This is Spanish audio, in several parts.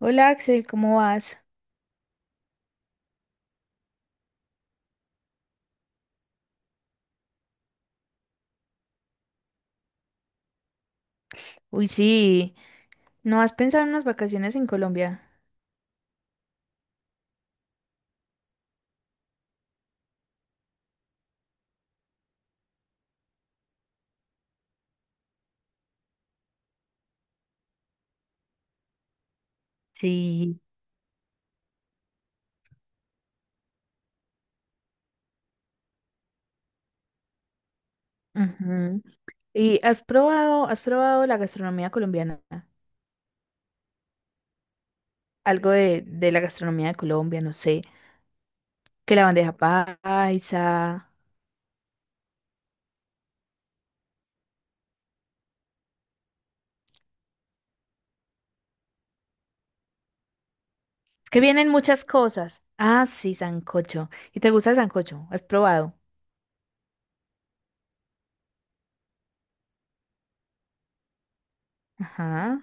Hola Axel, ¿cómo vas? Uy, sí, ¿no has pensado en unas vacaciones en Colombia? Sí. Ujú. ¿Y has probado la gastronomía colombiana? Algo de la gastronomía de Colombia, no sé, que la bandeja paisa, es que vienen muchas cosas. Ah, sí, sancocho. ¿Y te gusta el sancocho? ¿Has probado? Ajá.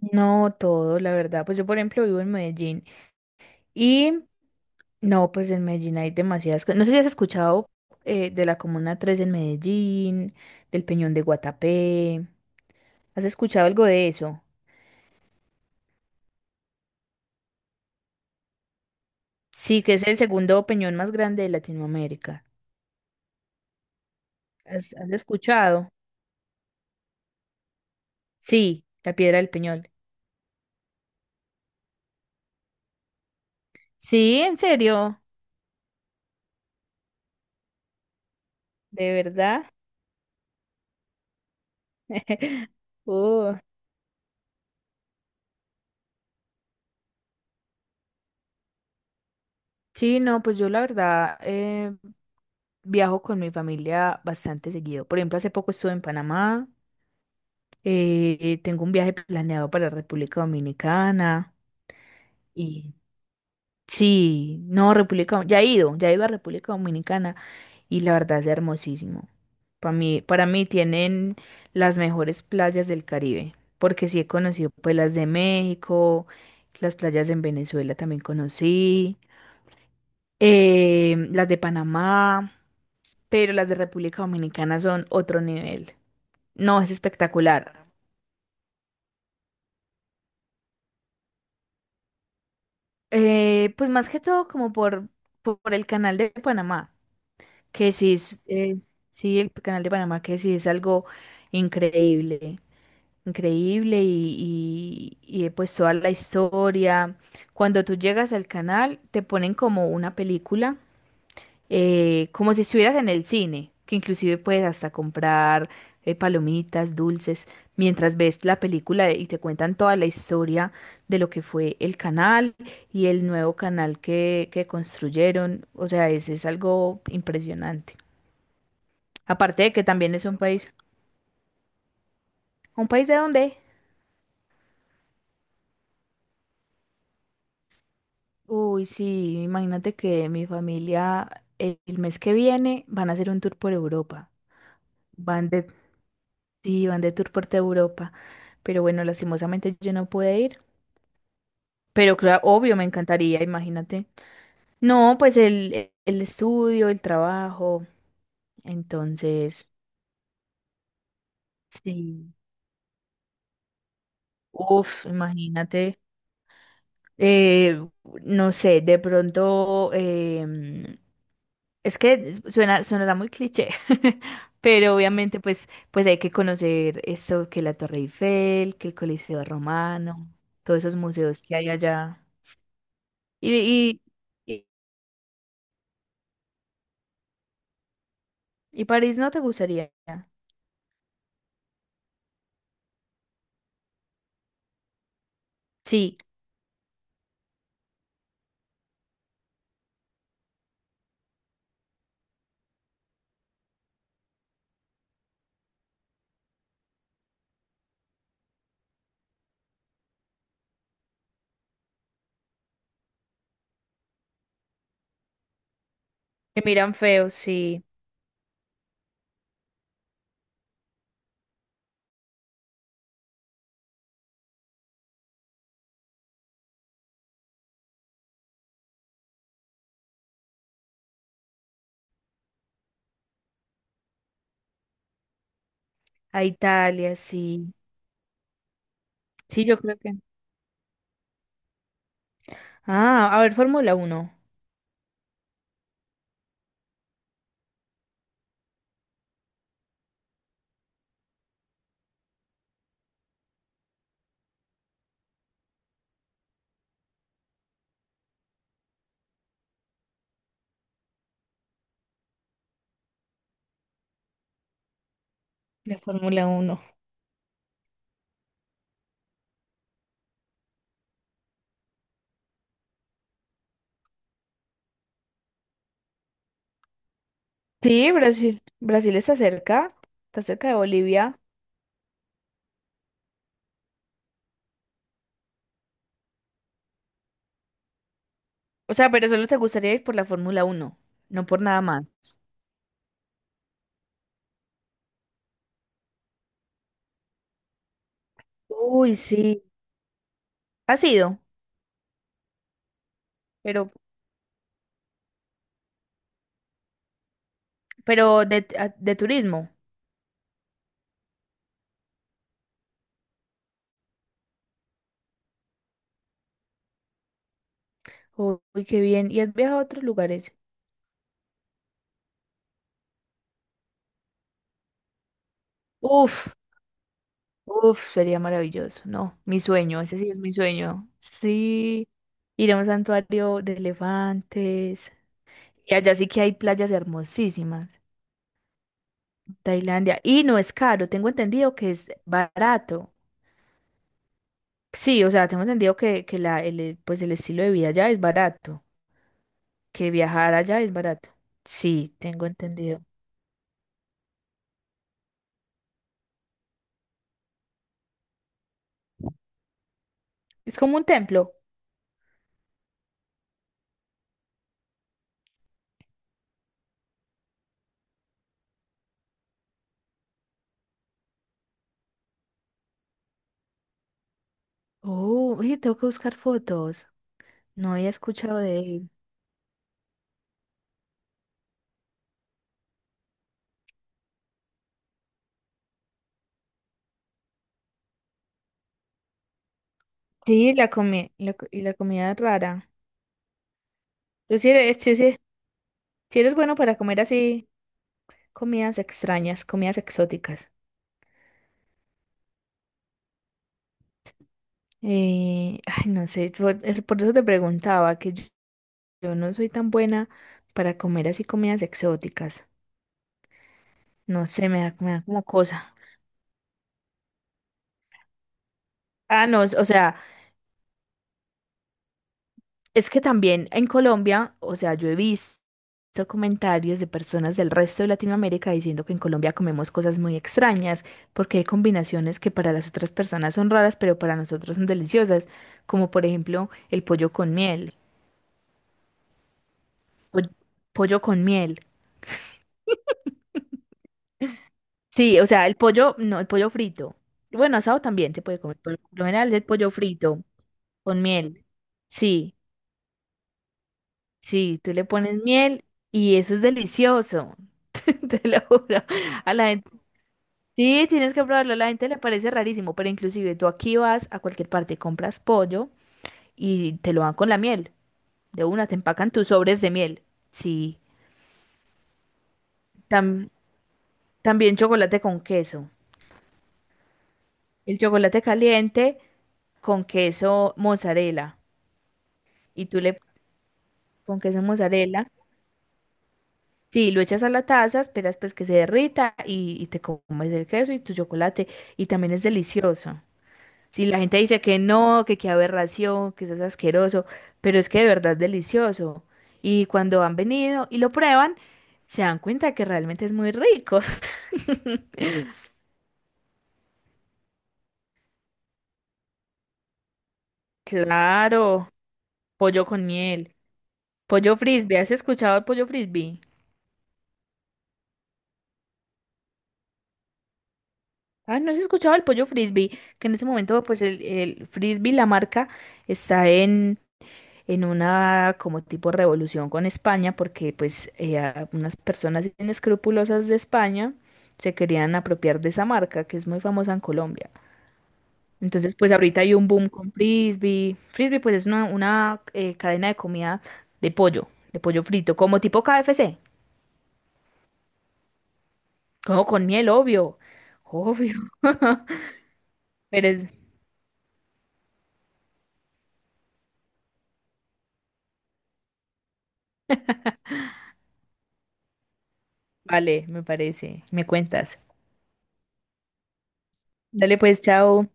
No todo, la verdad. Pues yo, por ejemplo, vivo en Medellín y... No, pues en Medellín hay demasiadas cosas. No sé si has escuchado de la Comuna Tres en Medellín, del Peñón de Guatapé. ¿Has escuchado algo de eso? Sí, que es el segundo peñón más grande de Latinoamérica. ¿Has, has escuchado? Sí, la Piedra del Peñol. Sí, en serio, de verdad. Uh, sí, no, pues yo la verdad viajo con mi familia bastante seguido. Por ejemplo, hace poco estuve en Panamá. Tengo un viaje planeado para República Dominicana. Y sí, no, República, ya he ido a República Dominicana y la verdad es hermosísimo. Para mí tienen las mejores playas del Caribe, porque sí he conocido pues las de México, las playas en Venezuela también conocí, las de Panamá, pero las de República Dominicana son otro nivel. No, es espectacular. Pues más que todo como por el canal de Panamá. Que sí es, sí, el canal de Panamá, que sí es algo increíble, increíble pues toda la historia. Cuando tú llegas al canal, te ponen como una película, como si estuvieras en el cine, que inclusive puedes hasta comprar palomitas, dulces, mientras ves la película y te cuentan toda la historia de lo que fue el canal y el nuevo canal que construyeron. O sea, es algo impresionante. Aparte de que también es un país. ¿Un país de dónde? Uy, sí, imagínate que mi familia el mes que viene van a hacer un tour por Europa. Van de... sí, van de tour por toda Europa. Pero bueno, lastimosamente yo no pude ir. Pero claro, obvio, me encantaría, imagínate. No, pues el estudio, el trabajo. Entonces, sí. Uf, imagínate. eh, no sé, de pronto, es que suena, sonará muy cliché, pero obviamente pues, pues hay que conocer eso, que la Torre Eiffel, que el Coliseo Romano, todos esos museos que hay allá. Y, y, y, París no te gustaría. Sí, que miran feo, sí. A Italia, sí. Sí, yo creo que... Ah, a ver, Fórmula Uno. La Fórmula Uno. Sí, Brasil. Brasil está cerca de Bolivia. O sea, pero solo te gustaría ir por la Fórmula Uno, no por nada más. Uy, sí. Ha sido, pero, pero de, de turismo. Uy, qué bien. ¿Y has viajado a otros lugares? Uf, sería maravilloso. No, mi sueño, ese sí es mi sueño. Sí, ir a un santuario de elefantes. Y allá sí que hay playas hermosísimas. Tailandia. Y no es caro, tengo entendido que es barato. Sí, o sea, tengo entendido que pues el estilo de vida allá es barato, que viajar allá es barato. Sí, tengo entendido. Es como un templo. Oh, oye, tengo que buscar fotos. No había escuchado de él. Sí, y la comida rara. Tú si eres, sí eres bueno para comer así comidas extrañas, comidas exóticas. Ay, no sé, es por eso te preguntaba, yo no soy tan buena para comer así comidas exóticas. No sé, me da como cosa. Ah, no, o sea. Es que también en Colombia, o sea, yo he visto comentarios de personas del resto de Latinoamérica diciendo que en Colombia comemos cosas muy extrañas, porque hay combinaciones que para las otras personas son raras, pero para nosotros son deliciosas, como por ejemplo el pollo con miel, po- pollo con miel. Sí, o sea, el pollo, no, el pollo frito. Bueno, asado también se puede comer, pero por lo general es el pollo frito con miel. Sí, sí, tú le pones miel y eso es delicioso, te lo juro. A la gente... Sí, tienes que probarlo, a la gente le parece rarísimo, pero inclusive tú aquí vas a cualquier parte, compras pollo y te lo dan con la miel. De una te empacan tus sobres de miel. Sí, tam- también chocolate con queso. El chocolate caliente con queso mozzarella. Y tú le... con queso mozzarella. Sí, lo echas a la taza, esperas pues que se derrita y te comes el queso y tu chocolate. Y también es delicioso. Si la gente dice que no, que qué aberración, que eso es asqueroso, pero es que de verdad es delicioso. Y cuando han venido y lo prueban, se dan cuenta que realmente es muy rico. Claro, pollo con miel, pollo frisbee. ¿Has escuchado el pollo frisbee? Ah, no has escuchado el pollo frisbee, que en ese momento pues el frisbee, la marca, está en una como tipo revolución con España, porque pues unas personas inescrupulosas de España se querían apropiar de esa marca que es muy famosa en Colombia. Entonces pues ahorita hay un boom con Frisbee. Frisbee pues es una, cadena de comida de pollo frito, como tipo KFC, como con miel, obvio, obvio. Pero vale, me parece, me cuentas. Dale pues, chao.